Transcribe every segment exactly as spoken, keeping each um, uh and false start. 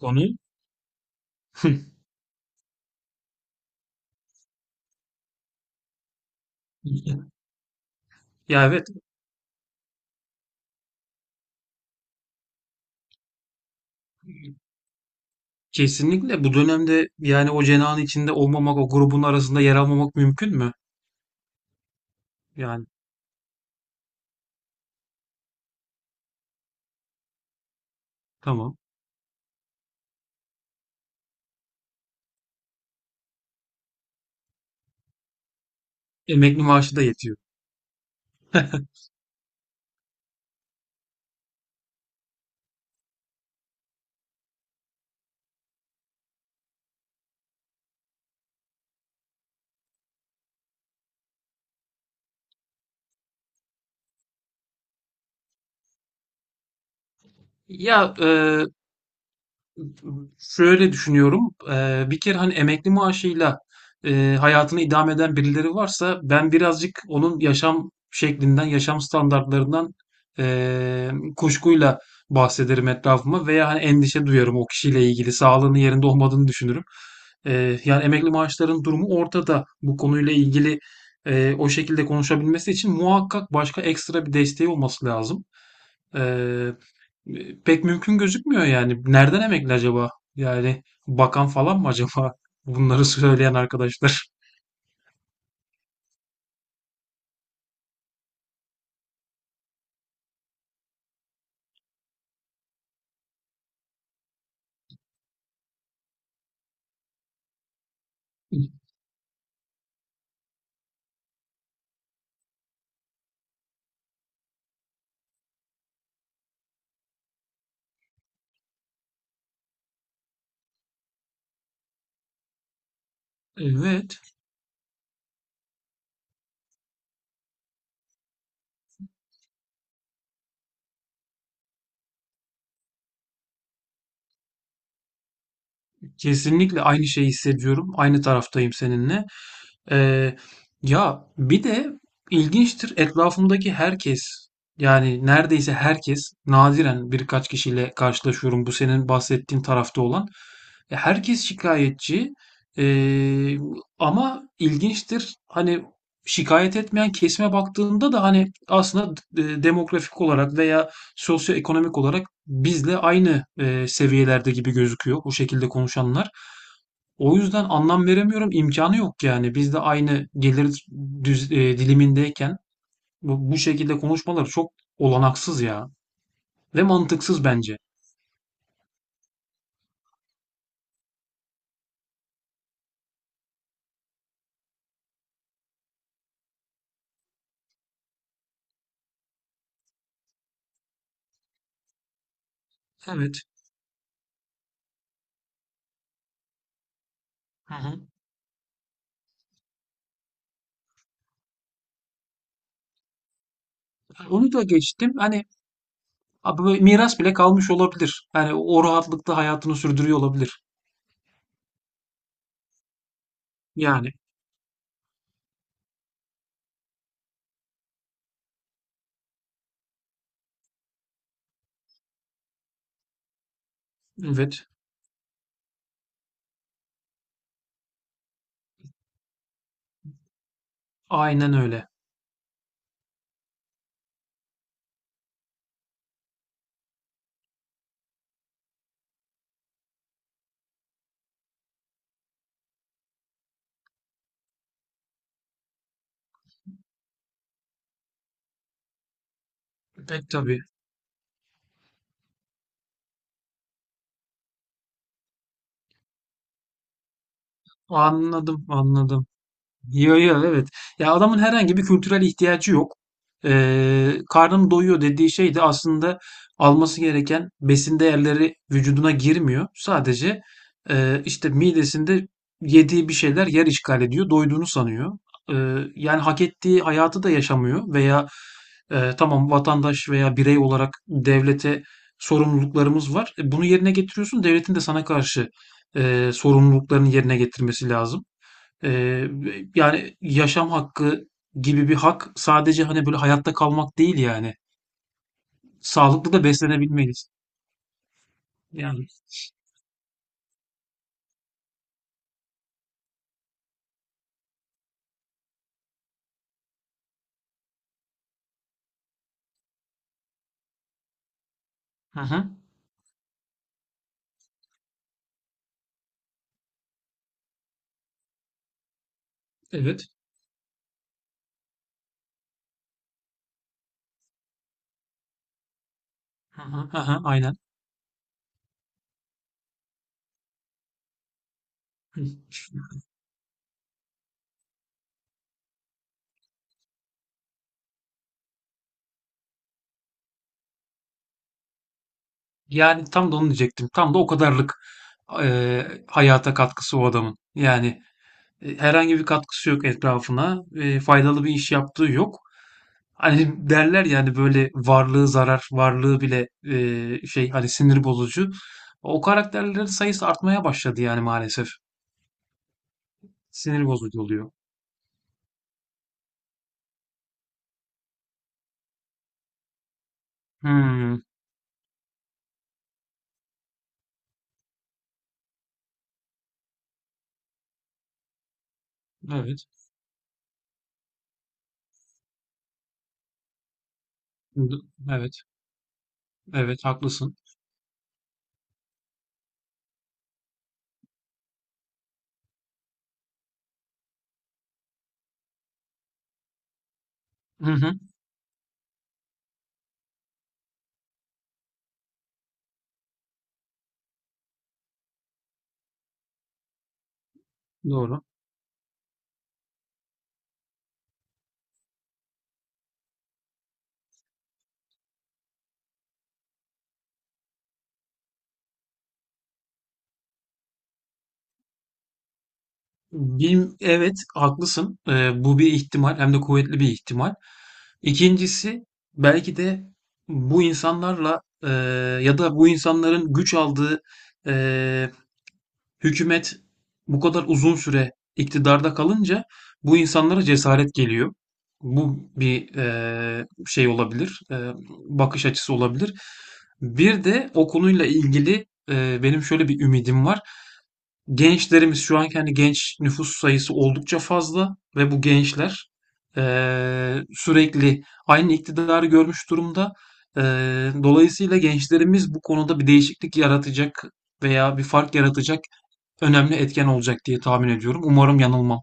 Konuyu. Ya evet kesinlikle bu dönemde yani o cenahın içinde olmamak, o grubun arasında yer almamak mümkün mü? Yani tamam. Emekli maaşı da yetiyor. Ya Şöyle düşünüyorum. Eee, bir kere hani emekli maaşıyla eee, hayatını idame eden birileri varsa ben birazcık onun yaşam şeklinden, yaşam standartlarından eee, kuşkuyla bahsederim etrafıma veya hani endişe duyarım o kişiyle ilgili, sağlığının yerinde olmadığını düşünürüm. Eee, yani emekli maaşların durumu ortada. Bu konuyla ilgili eee, o şekilde konuşabilmesi için muhakkak başka ekstra bir desteği olması lazım. E, Pek mümkün gözükmüyor yani. Nereden emekli acaba? Yani bakan falan mı acaba? Bunları söyleyen arkadaşlar. Evet. Kesinlikle aynı şeyi hissediyorum. Aynı taraftayım seninle. Ee, Ya bir de ilginçtir, etrafımdaki herkes, yani neredeyse herkes, nadiren birkaç kişiyle karşılaşıyorum bu senin bahsettiğin tarafta olan. Ya, herkes şikayetçi. Ee, Ama ilginçtir hani, şikayet etmeyen kesime baktığında da hani aslında d- e, demografik olarak veya sosyoekonomik olarak bizle aynı eee, seviyelerde gibi gözüküyor bu şekilde konuşanlar. O yüzden anlam veremiyorum. İmkanı yok yani. Biz de aynı gelir düz, eee, dilimindeyken bu, bu şekilde konuşmalar çok olanaksız ya. Ve mantıksız bence. Evet. Hı hı. Onu da geçtim. Hani abi böyle miras bile kalmış olabilir. Yani o rahatlıkta hayatını sürdürüyor olabilir. Yani evet. Aynen öyle. Pek tabii. Anladım, anladım. Yo yo, evet. Ya adamın herhangi bir kültürel ihtiyacı yok. Ee, karnım doyuyor dediği şey de aslında alması gereken besin değerleri vücuduna girmiyor. Sadece e, işte midesinde yediği bir şeyler yer işgal ediyor, doyduğunu sanıyor. Ee, Yani hak ettiği hayatı da yaşamıyor veya e, tamam, vatandaş veya birey olarak devlete sorumluluklarımız var. E, bunu yerine getiriyorsun, devletin de sana karşı e, sorumluluklarını yerine getirmesi lazım. Eee, Yani yaşam hakkı gibi bir hak sadece hani böyle hayatta kalmak değil yani. Sağlıklı da beslenebilmeliyiz. Yani. Hı hı. Evet. Hı hı. Hı hı. Aynen. Hı. Yani tam da onu diyecektim. Tam da o kadarlık eee, hayata katkısı o adamın. Yani e, herhangi bir katkısı yok etrafına. E, faydalı bir iş yaptığı yok. Hani derler yani, böyle varlığı zarar, varlığı bile e, şey hani sinir bozucu. O karakterlerin sayısı artmaya başladı yani maalesef. Sinir bozucu oluyor. Hımm. Evet. D evet. Evet, haklısın. Hı hı. Doğru. Bim evet, haklısın. Eee, bu bir ihtimal, hem de kuvvetli bir ihtimal. İkincisi, belki de bu insanlarla, eee, ya da bu insanların güç aldığı, e, hükümet bu kadar uzun süre iktidarda kalınca bu insanlara cesaret geliyor. Bu bir eee, şey olabilir, eee, bakış açısı olabilir. Bir de o konuyla ilgili eee, benim şöyle bir ümidim var. Gençlerimiz, şu anki hani genç nüfus sayısı oldukça fazla ve bu gençler eee, sürekli aynı iktidarı görmüş durumda. Eee, Dolayısıyla gençlerimiz bu konuda bir değişiklik yaratacak veya bir fark yaratacak önemli etken olacak diye tahmin ediyorum. Umarım yanılmam.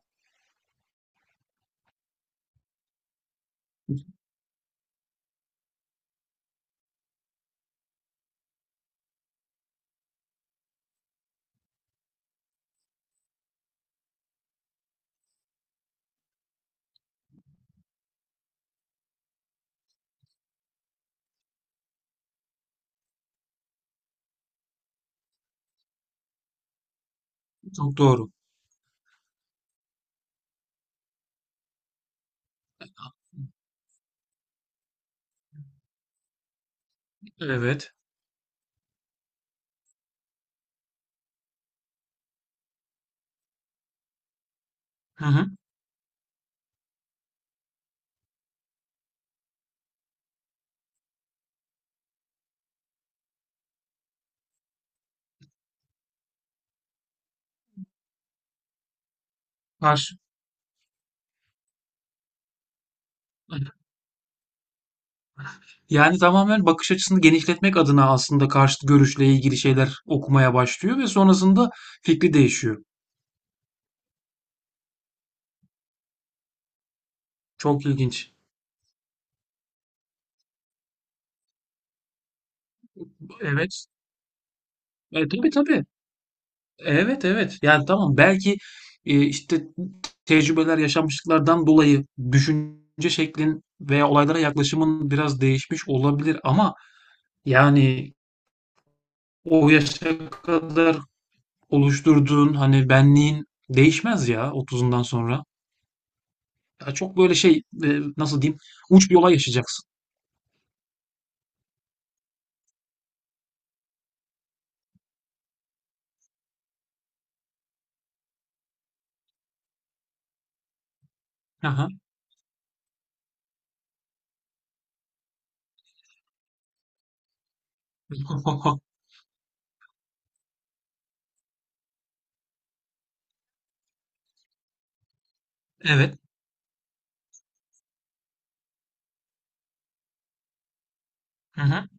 Çok doğru. Evet. Hı hı. Karşı. Yani tamamen bakış açısını genişletmek adına aslında karşıt görüşle ilgili şeyler okumaya başlıyor ve sonrasında fikri değişiyor. Çok ilginç. Evet. E, tabii tabii. Evet evet. Yani tamam, belki e, işte tecrübeler, yaşanmışlıklardan dolayı düşünce şeklin veya olaylara yaklaşımın biraz değişmiş olabilir ama yani o yaşa kadar oluşturduğun hani benliğin değişmez ya otuzundan sonra. Ya çok böyle şey e, nasıl diyeyim, uç bir olay yaşayacaksın. Aha. Evet. Hı hı.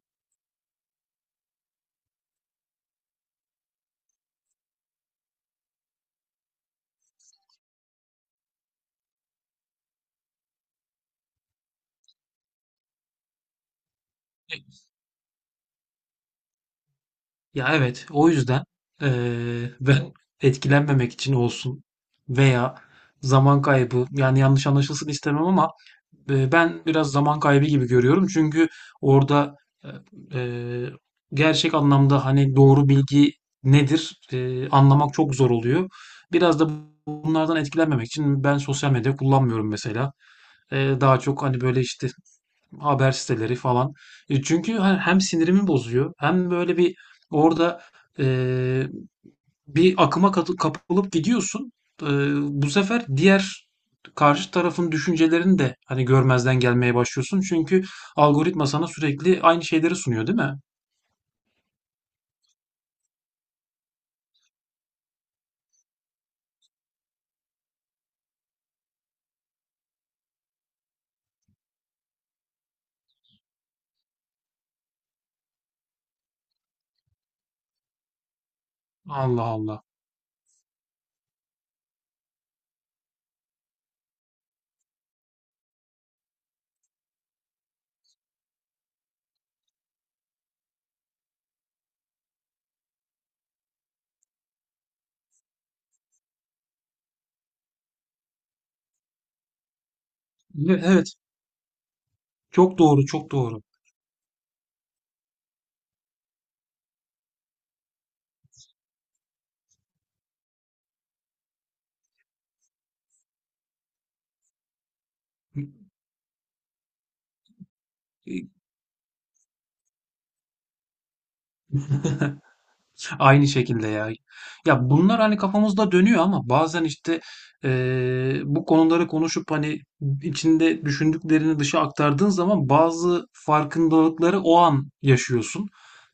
Ya evet, o yüzden eee, ben etkilenmemek için olsun veya zaman kaybı, yani yanlış anlaşılsın istemem ama e, ben biraz zaman kaybı gibi görüyorum. Çünkü orada e, e, gerçek anlamda hani doğru bilgi nedir, e, anlamak çok zor oluyor. Biraz da bunlardan etkilenmemek için ben sosyal medya kullanmıyorum mesela. E, daha çok hani böyle işte haber siteleri falan. E, çünkü he- hem sinirimi bozuyor, hem böyle bir orada e, bir akıma katı- kapılıp gidiyorsun. E, Bu sefer diğer karşı tarafın düşüncelerini de hani görmezden gelmeye başlıyorsun. Çünkü algoritma sana sürekli aynı şeyleri sunuyor, değil mi? Allah Allah. Evet, evet. Çok doğru, çok doğru. Aynı şekilde ya. Ya bunlar hani kafamızda dönüyor ama bazen işte eee, bu konuları konuşup hani içinde düşündüklerini dışa aktardığın zaman bazı farkındalıkları o an yaşıyorsun.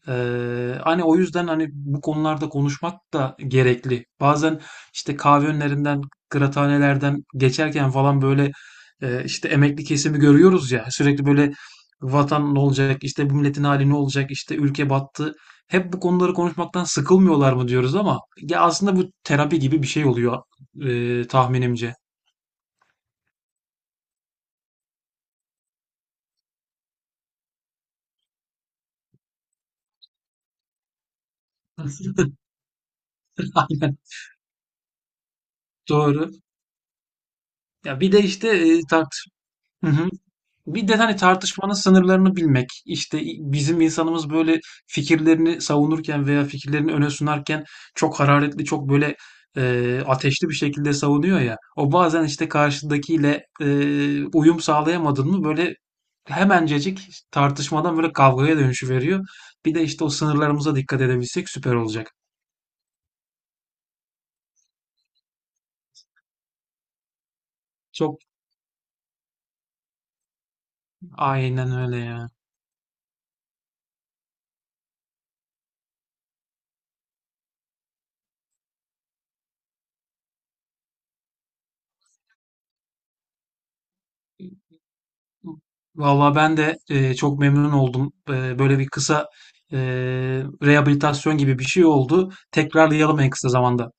Eee, hani o yüzden hani bu konularda konuşmak da gerekli. Bazen işte kahve önlerinden, kıraathanelerden geçerken falan böyle eee, işte emekli kesimi görüyoruz ya, sürekli böyle vatan ne olacak, işte bu milletin hali ne olacak, işte ülke battı, hep bu konuları konuşmaktan sıkılmıyorlar mı diyoruz, ama ya aslında bu terapi gibi bir şey oluyor e, tahminimce. Aynen. Doğru. Ya bir de işte e, tart. Hı hı. Bir de hani tartışmanın sınırlarını bilmek, işte bizim insanımız böyle fikirlerini savunurken veya fikirlerini öne sunarken çok hararetli, çok böyle e, ateşli bir şekilde savunuyor ya. O bazen işte karşıdakiyle e, uyum sağlayamadın mı, böyle hemencecik tartışmadan böyle kavgaya dönüşü veriyor. Bir de işte o sınırlarımıza dikkat edebilsek süper olacak. Çok aynen öyle ya. Vallahi ben de e, çok memnun oldum. E, böyle bir kısa e, rehabilitasyon gibi bir şey oldu. Tekrarlayalım en kısa zamanda.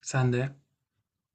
Sen de.